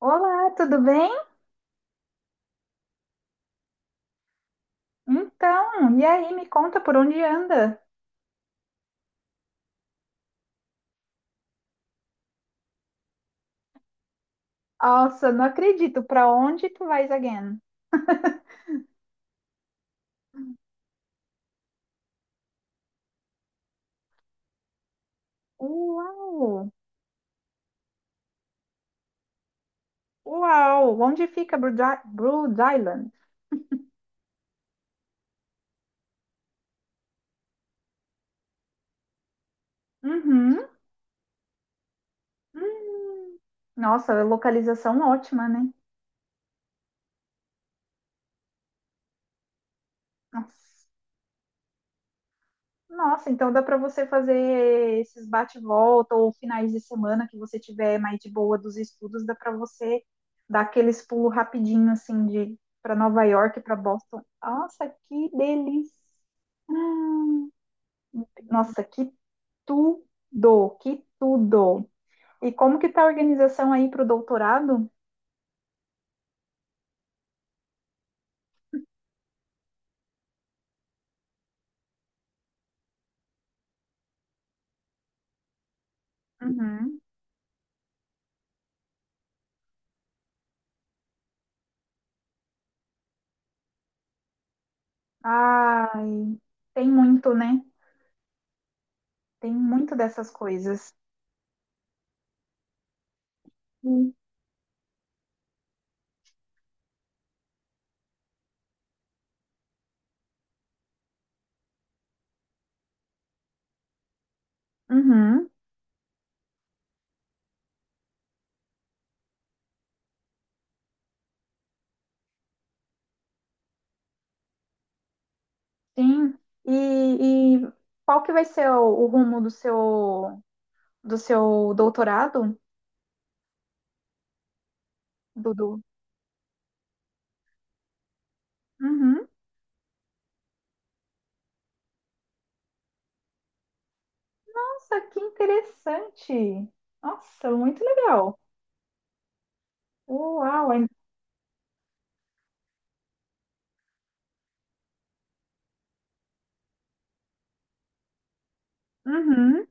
Olá, tudo bem? Então, e aí, me conta por onde anda? Nossa, não acredito. Pra onde tu vais again? Uau! Uau! Onde fica Brood Island? Uhum. Hum. Nossa, localização ótima, né? Nossa. Nossa, então dá para você fazer esses bate-volta ou finais de semana que você tiver mais de boa dos estudos, dá para você dar aqueles pulos rapidinho assim de para Nova York, para Boston. Nossa, que delícia! Nossa, que tudo, que tudo. E como que tá a organização aí para o doutorado? Uhum. Ai, tem muito, né? Tem muito dessas coisas. Uhum. Sim. E qual que vai ser o rumo do seu doutorado, Dudu? Uhum. Nossa, que interessante. Nossa, muito legal. Uau. Uhum.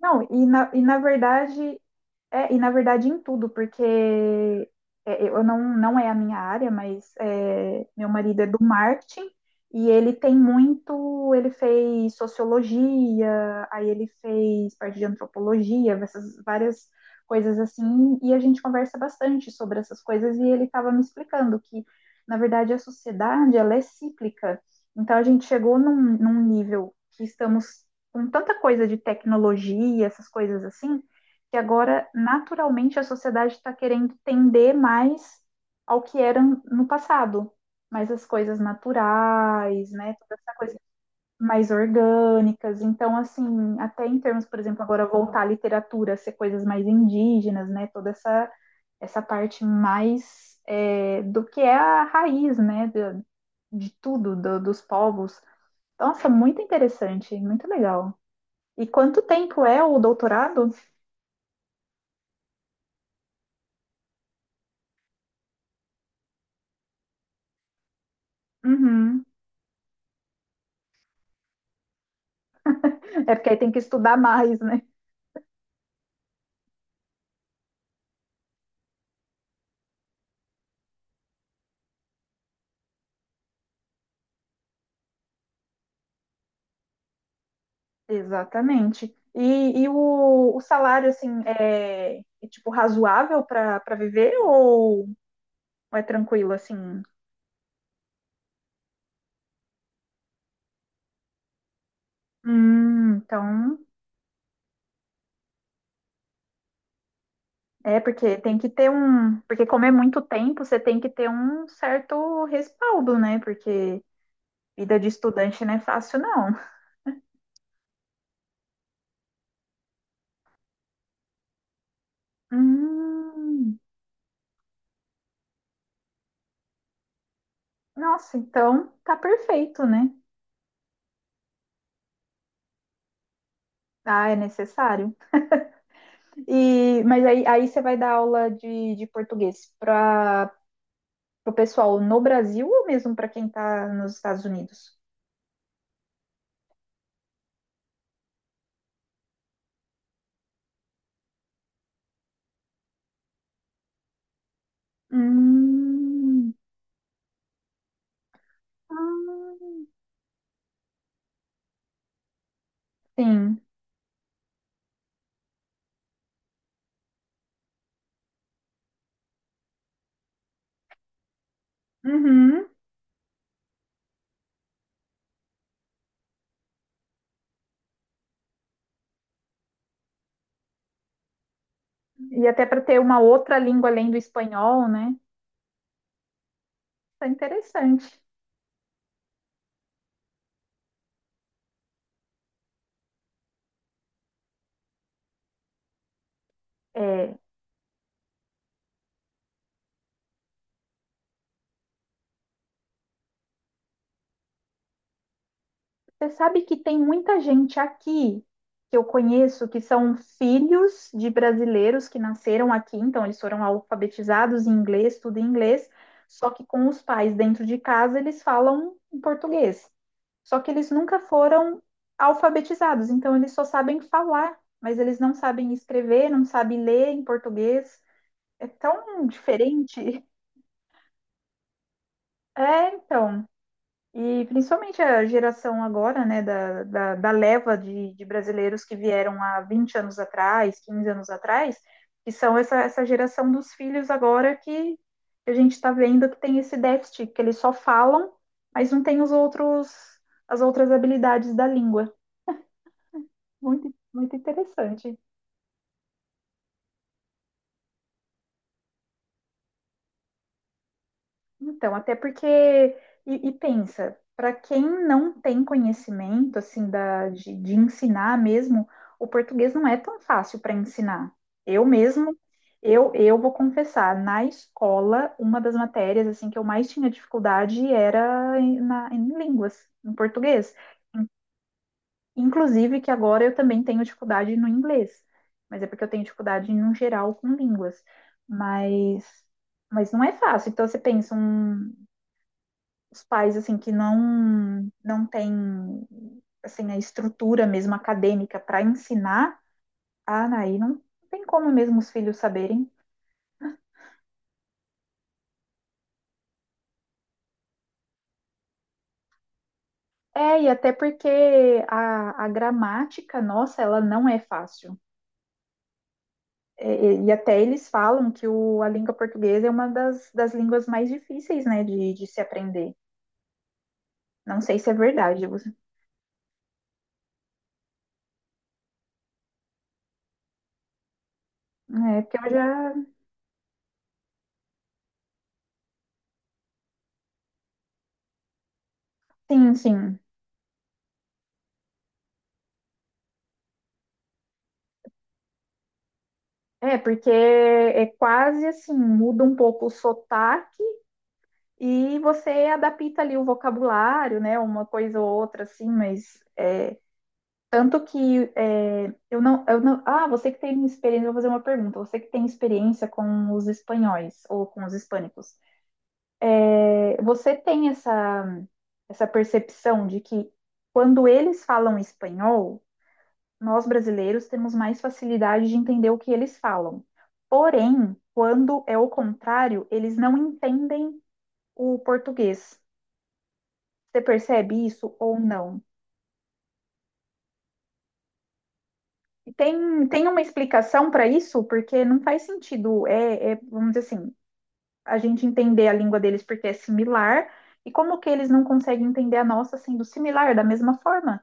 Não, e na verdade. É, e na verdade em tudo, porque eu não é a minha área, mas é, meu marido é do marketing e ele fez sociologia, aí ele fez parte de antropologia, essas várias coisas assim, e a gente conversa bastante sobre essas coisas e ele estava me explicando que, na verdade, a sociedade, ela é cíclica. Então a gente chegou num nível que estamos com tanta coisa de tecnologia, essas coisas assim, que agora, naturalmente, a sociedade está querendo tender mais ao que era no passado. Mais as coisas naturais, né? Toda essa coisa mais orgânicas. Então, assim, até em termos, por exemplo, agora voltar à literatura, ser coisas mais indígenas, né? Essa parte mais é, do que é a raiz, né? De tudo, dos povos. Nossa, muito interessante, muito legal. E quanto tempo é o doutorado? Uhum. É porque aí tem que estudar mais, né? Exatamente. E o salário, assim, tipo razoável para viver ou é tranquilo, assim? Então. É, porque tem que ter um. Porque, como é muito tempo, você tem que ter um certo respaldo, né? Porque vida de estudante não é fácil, não. Hum, nossa, então tá perfeito, né? Ah, é necessário. E, mas aí você vai dar aula de português para. Pro pessoal no Brasil ou mesmo para quem está nos Estados Unidos? Hum. Hum, sim. Uhum. E até para ter uma outra língua além do espanhol, né? Tá interessante. É, você sabe que tem muita gente aqui que eu conheço que são filhos de brasileiros que nasceram aqui, então eles foram alfabetizados em inglês, tudo em inglês, só que com os pais dentro de casa eles falam em português. Só que eles nunca foram alfabetizados, então eles só sabem falar, mas eles não sabem escrever, não sabem ler em português. É tão diferente. É, então. E principalmente a geração agora, né, da leva de brasileiros que vieram há 20 anos atrás, 15 anos atrás, que são essa geração dos filhos agora que a gente está vendo que tem esse déficit, que eles só falam, mas não tem os outros, as outras habilidades da língua. Muito, muito interessante. Então, até porque, e pensa, para quem não tem conhecimento, assim, de ensinar mesmo, o português não é tão fácil para ensinar. Eu mesmo, eu vou confessar, na escola, uma das matérias, assim, que eu mais tinha dificuldade era em línguas, em português. Inclusive que agora eu também tenho dificuldade no inglês, mas é porque eu tenho dificuldade no geral com línguas. Mas, mas não é fácil. Então você pensa os pais assim que não têm assim a estrutura mesmo acadêmica para ensinar, aí não tem como mesmo os filhos saberem. É, e até porque a gramática nossa, ela não é fácil. E até eles falam que a língua portuguesa é uma das línguas mais difíceis, né, de se aprender. Não sei se é verdade. É, porque eu já. Sim, sim. É, porque é quase assim, muda um pouco o sotaque e você adapta ali o vocabulário, né, uma coisa ou outra, assim, mas. É, tanto que é, eu não. Ah, você que tem experiência, eu vou fazer uma pergunta. Você que tem experiência com os espanhóis ou com os hispânicos. Você tem essa percepção de que quando eles falam espanhol, nós brasileiros temos mais facilidade de entender o que eles falam. Porém, quando é o contrário, eles não entendem o português. Você percebe isso ou não? E tem uma explicação para isso? Porque não faz sentido, vamos dizer assim, a gente entender a língua deles porque é similar, e como que eles não conseguem entender a nossa sendo similar da mesma forma?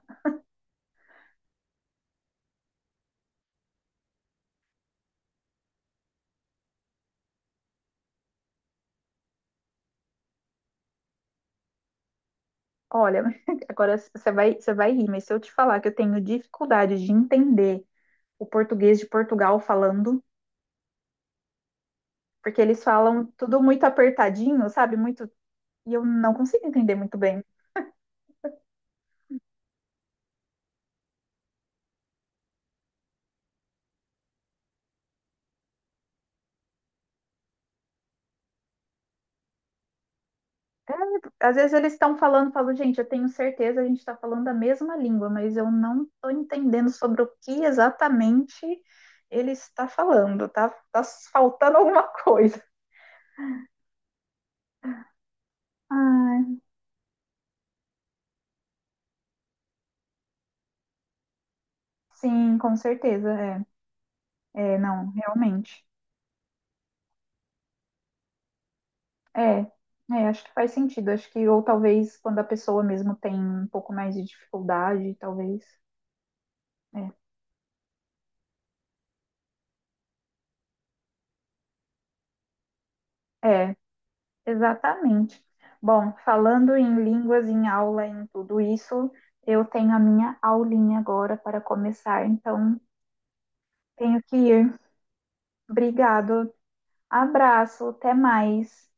Olha, agora você vai rir, mas se eu te falar que eu tenho dificuldade de entender o português de Portugal falando, porque eles falam tudo muito apertadinho, sabe? Muito, e eu não consigo entender muito bem. É, às vezes eles estão falando, falo, gente, eu tenho certeza a gente está falando a mesma língua, mas eu não estou entendendo sobre o que exatamente ele está falando, tá faltando alguma coisa. Ah, sim, com certeza, é. É, não, realmente. É, é, acho que faz sentido. Acho que, ou talvez quando a pessoa mesmo tem um pouco mais de dificuldade, talvez. É, exatamente. Bom, falando em línguas, em aula, em tudo isso, eu tenho a minha aulinha agora para começar, então tenho que ir. Obrigado, abraço, até mais.